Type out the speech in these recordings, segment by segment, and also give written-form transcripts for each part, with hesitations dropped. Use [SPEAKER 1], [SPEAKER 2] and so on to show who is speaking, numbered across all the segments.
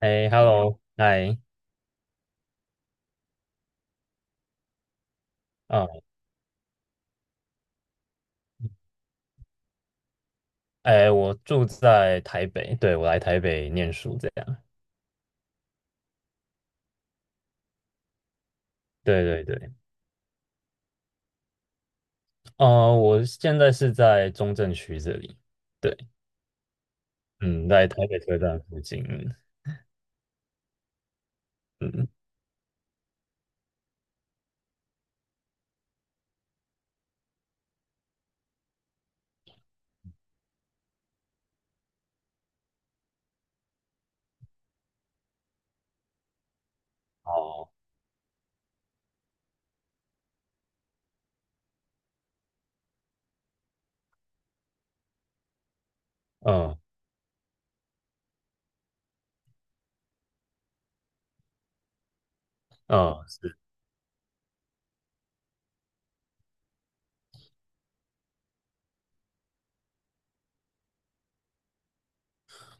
[SPEAKER 1] 哎，Hello，嗨，啊，哎，我住在台北，对，我来台北念书，这样，对对对，我现在是在中正区这里，对，嗯，在台北车站附近，嗯，嗯哦，嗯嗯，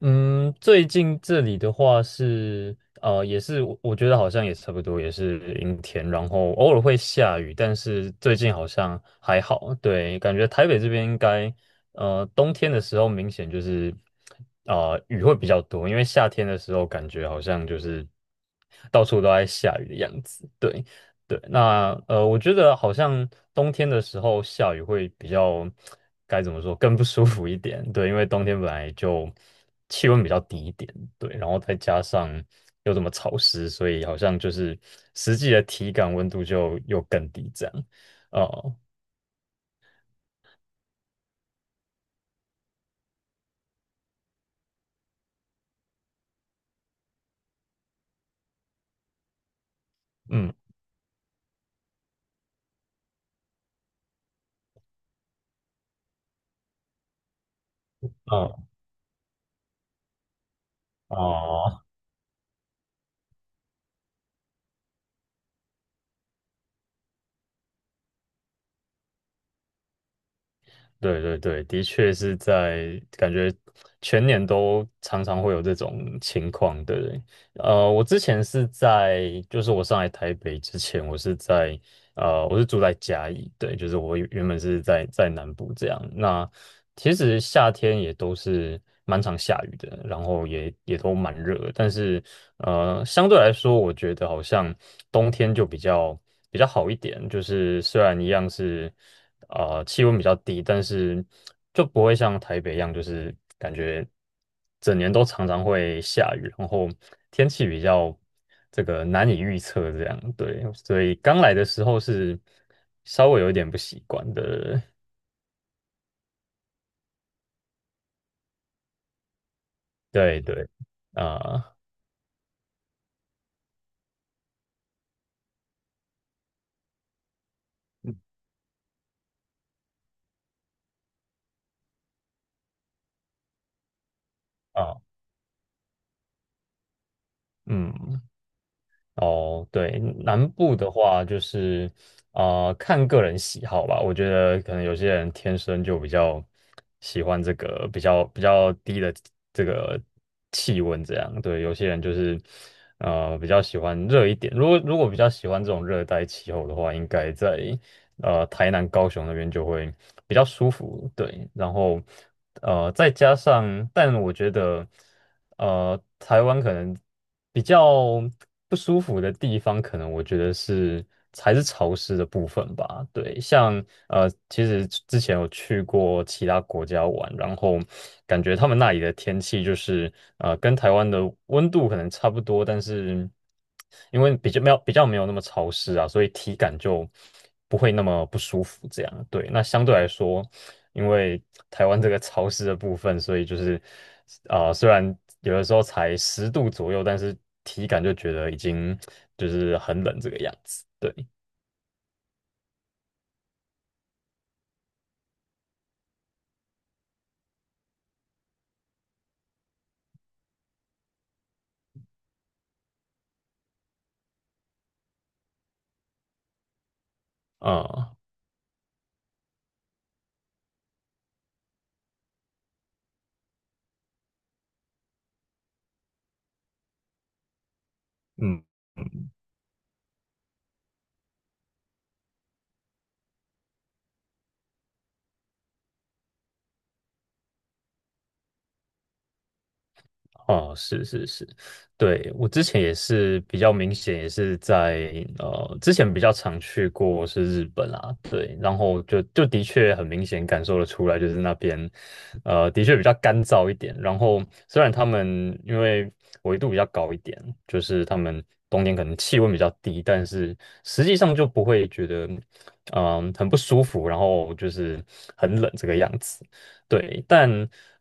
[SPEAKER 1] 嗯，最近这里的话是，也是我觉得好像也差不多，也是阴天，然后偶尔会下雨，但是最近好像还好。对，感觉台北这边应该，冬天的时候明显就是，雨会比较多，因为夏天的时候感觉好像就是到处都在下雨的样子。对。对，那我觉得好像冬天的时候下雨会比较，该怎么说，更不舒服一点。对，因为冬天本来就气温比较低一点，对，然后再加上又这么潮湿，所以好像就是实际的体感温度就又更低这样。哦，嗯，哦，哦，对对对，的确是在感觉全年都常常会有这种情况的人。我之前是在，就是我上来台北之前，我是在我是住在嘉义，对，就是我原本是在南部这样。那其实夏天也都是蛮常下雨的，然后也都蛮热的但是相对来说，我觉得好像冬天就比较好一点，就是虽然一样是气温比较低，但是就不会像台北一样，就是感觉。整年都常常会下雨，然后天气比较这个难以预测，这样对，所以刚来的时候是稍微有一点不习惯的，对对，啊、啊、嗯。哦，对，南部的话就是，看个人喜好吧。我觉得可能有些人天生就比较喜欢这个比较低的这个气温这样。对，有些人就是比较喜欢热一点。如果比较喜欢这种热带气候的话，应该在台南、高雄那边就会比较舒服。对，然后再加上，但我觉得。台湾可能比较不舒服的地方，可能我觉得是还是潮湿的部分吧。对，像其实之前有去过其他国家玩，然后感觉他们那里的天气就是跟台湾的温度可能差不多，但是因为比较没有那么潮湿啊，所以体感就不会那么不舒服。这样，对，那相对来说。因为台湾这个潮湿的部分，所以就是啊、虽然有的时候才十度左右，但是体感就觉得已经就是很冷这个样子。对，啊、嗯。嗯。哦，是是是，对，我之前也是比较明显，也是在之前比较常去过是日本啊，对，然后就的确很明显感受得出来，就是那边的确比较干燥一点。然后虽然他们因为纬度比较高一点，就是他们冬天可能气温比较低，但是实际上就不会觉得嗯、很不舒服，然后就是很冷这个样子。对，但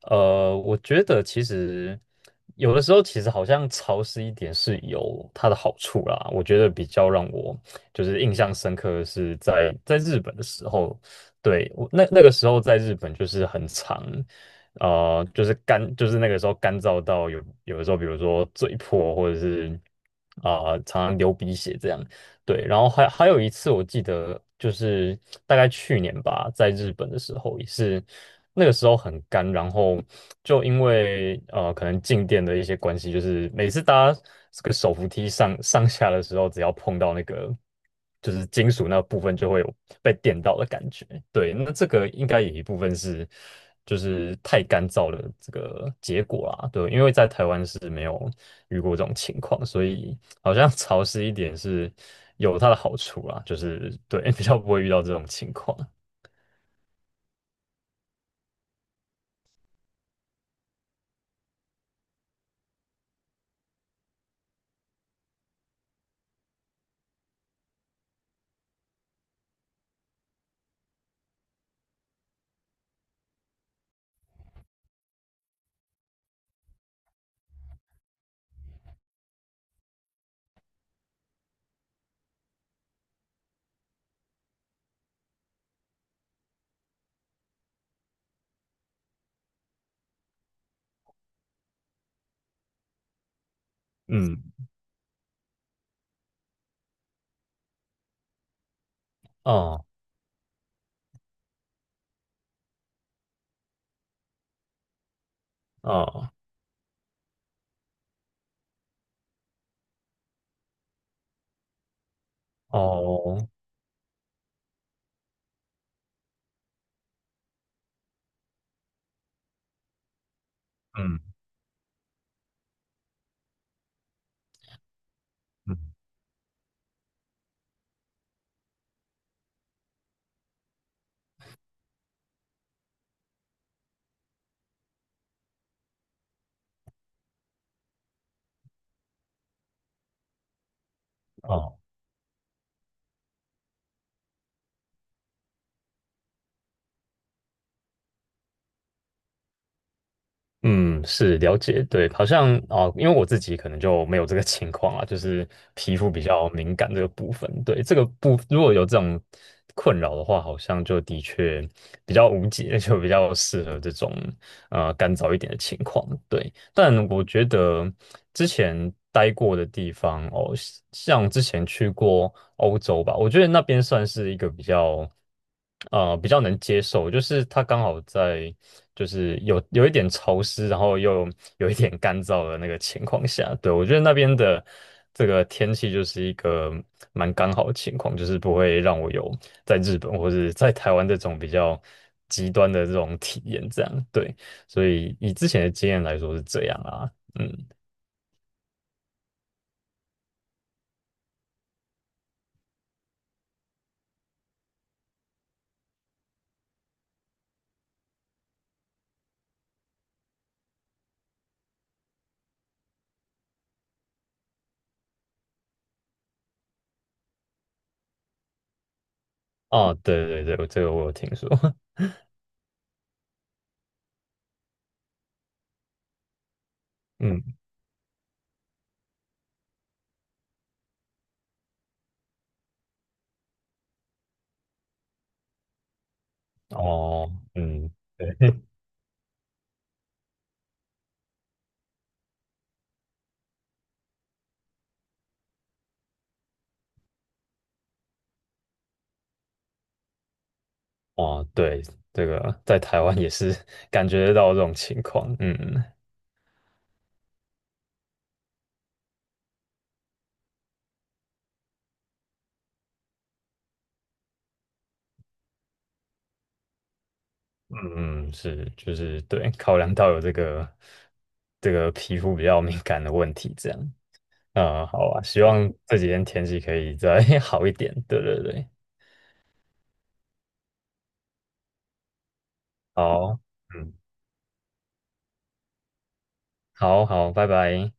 [SPEAKER 1] 我觉得其实有的时候，其实好像潮湿一点是有它的好处啦。我觉得比较让我就是印象深刻的是在日本的时候，对，我那个时候在日本就是很长，就是干，就是那个时候干燥到有的时候，比如说嘴破或者是啊、常常流鼻血这样。对，然后还有一次，我记得就是大概去年吧，在日本的时候也是，那个时候很干，然后就因为可能静电的一些关系，就是每次搭这个手扶梯上下的时候，只要碰到那个就是金属那部分，就会有被电到的感觉。对，那这个应该有一部分是就是太干燥的这个结果啦。对，因为在台湾是没有遇过这种情况，所以。好像潮湿一点是有它的好处啦，就是对，比较不会遇到这种情况。嗯，哦，哦，哦，嗯，嗯，哦，嗯，是了解，对，好像哦，因为我自己可能就没有这个情况啊，就是皮肤比较敏感这个部分，对，这个部如果有这种困扰的话，好像就的确比较无解，就比较适合这种干燥一点的情况，对。但我觉得之前待过的地方哦，像之前去过欧洲吧，我觉得那边算是一个比较，比较能接受，就是它刚好在就是有一点潮湿，然后又有一点干燥的那个情况下，对，我觉得那边的这个天气就是一个蛮刚好的情况，就是不会让我有在日本或是在台湾这种比较极端的这种体验，这样，对。所以以之前的经验来说是这样啊，嗯，哦，对对对，这个我有听说，嗯，哦，嗯，对，哦，对，这个在台湾也是 感觉得到这种情况，嗯嗯，是，就是对，考量到有这个这个皮肤比较敏感的问题，这样，嗯，好啊，希望这几天天气可以再 好一点，对对对，好，嗯，好好，拜拜。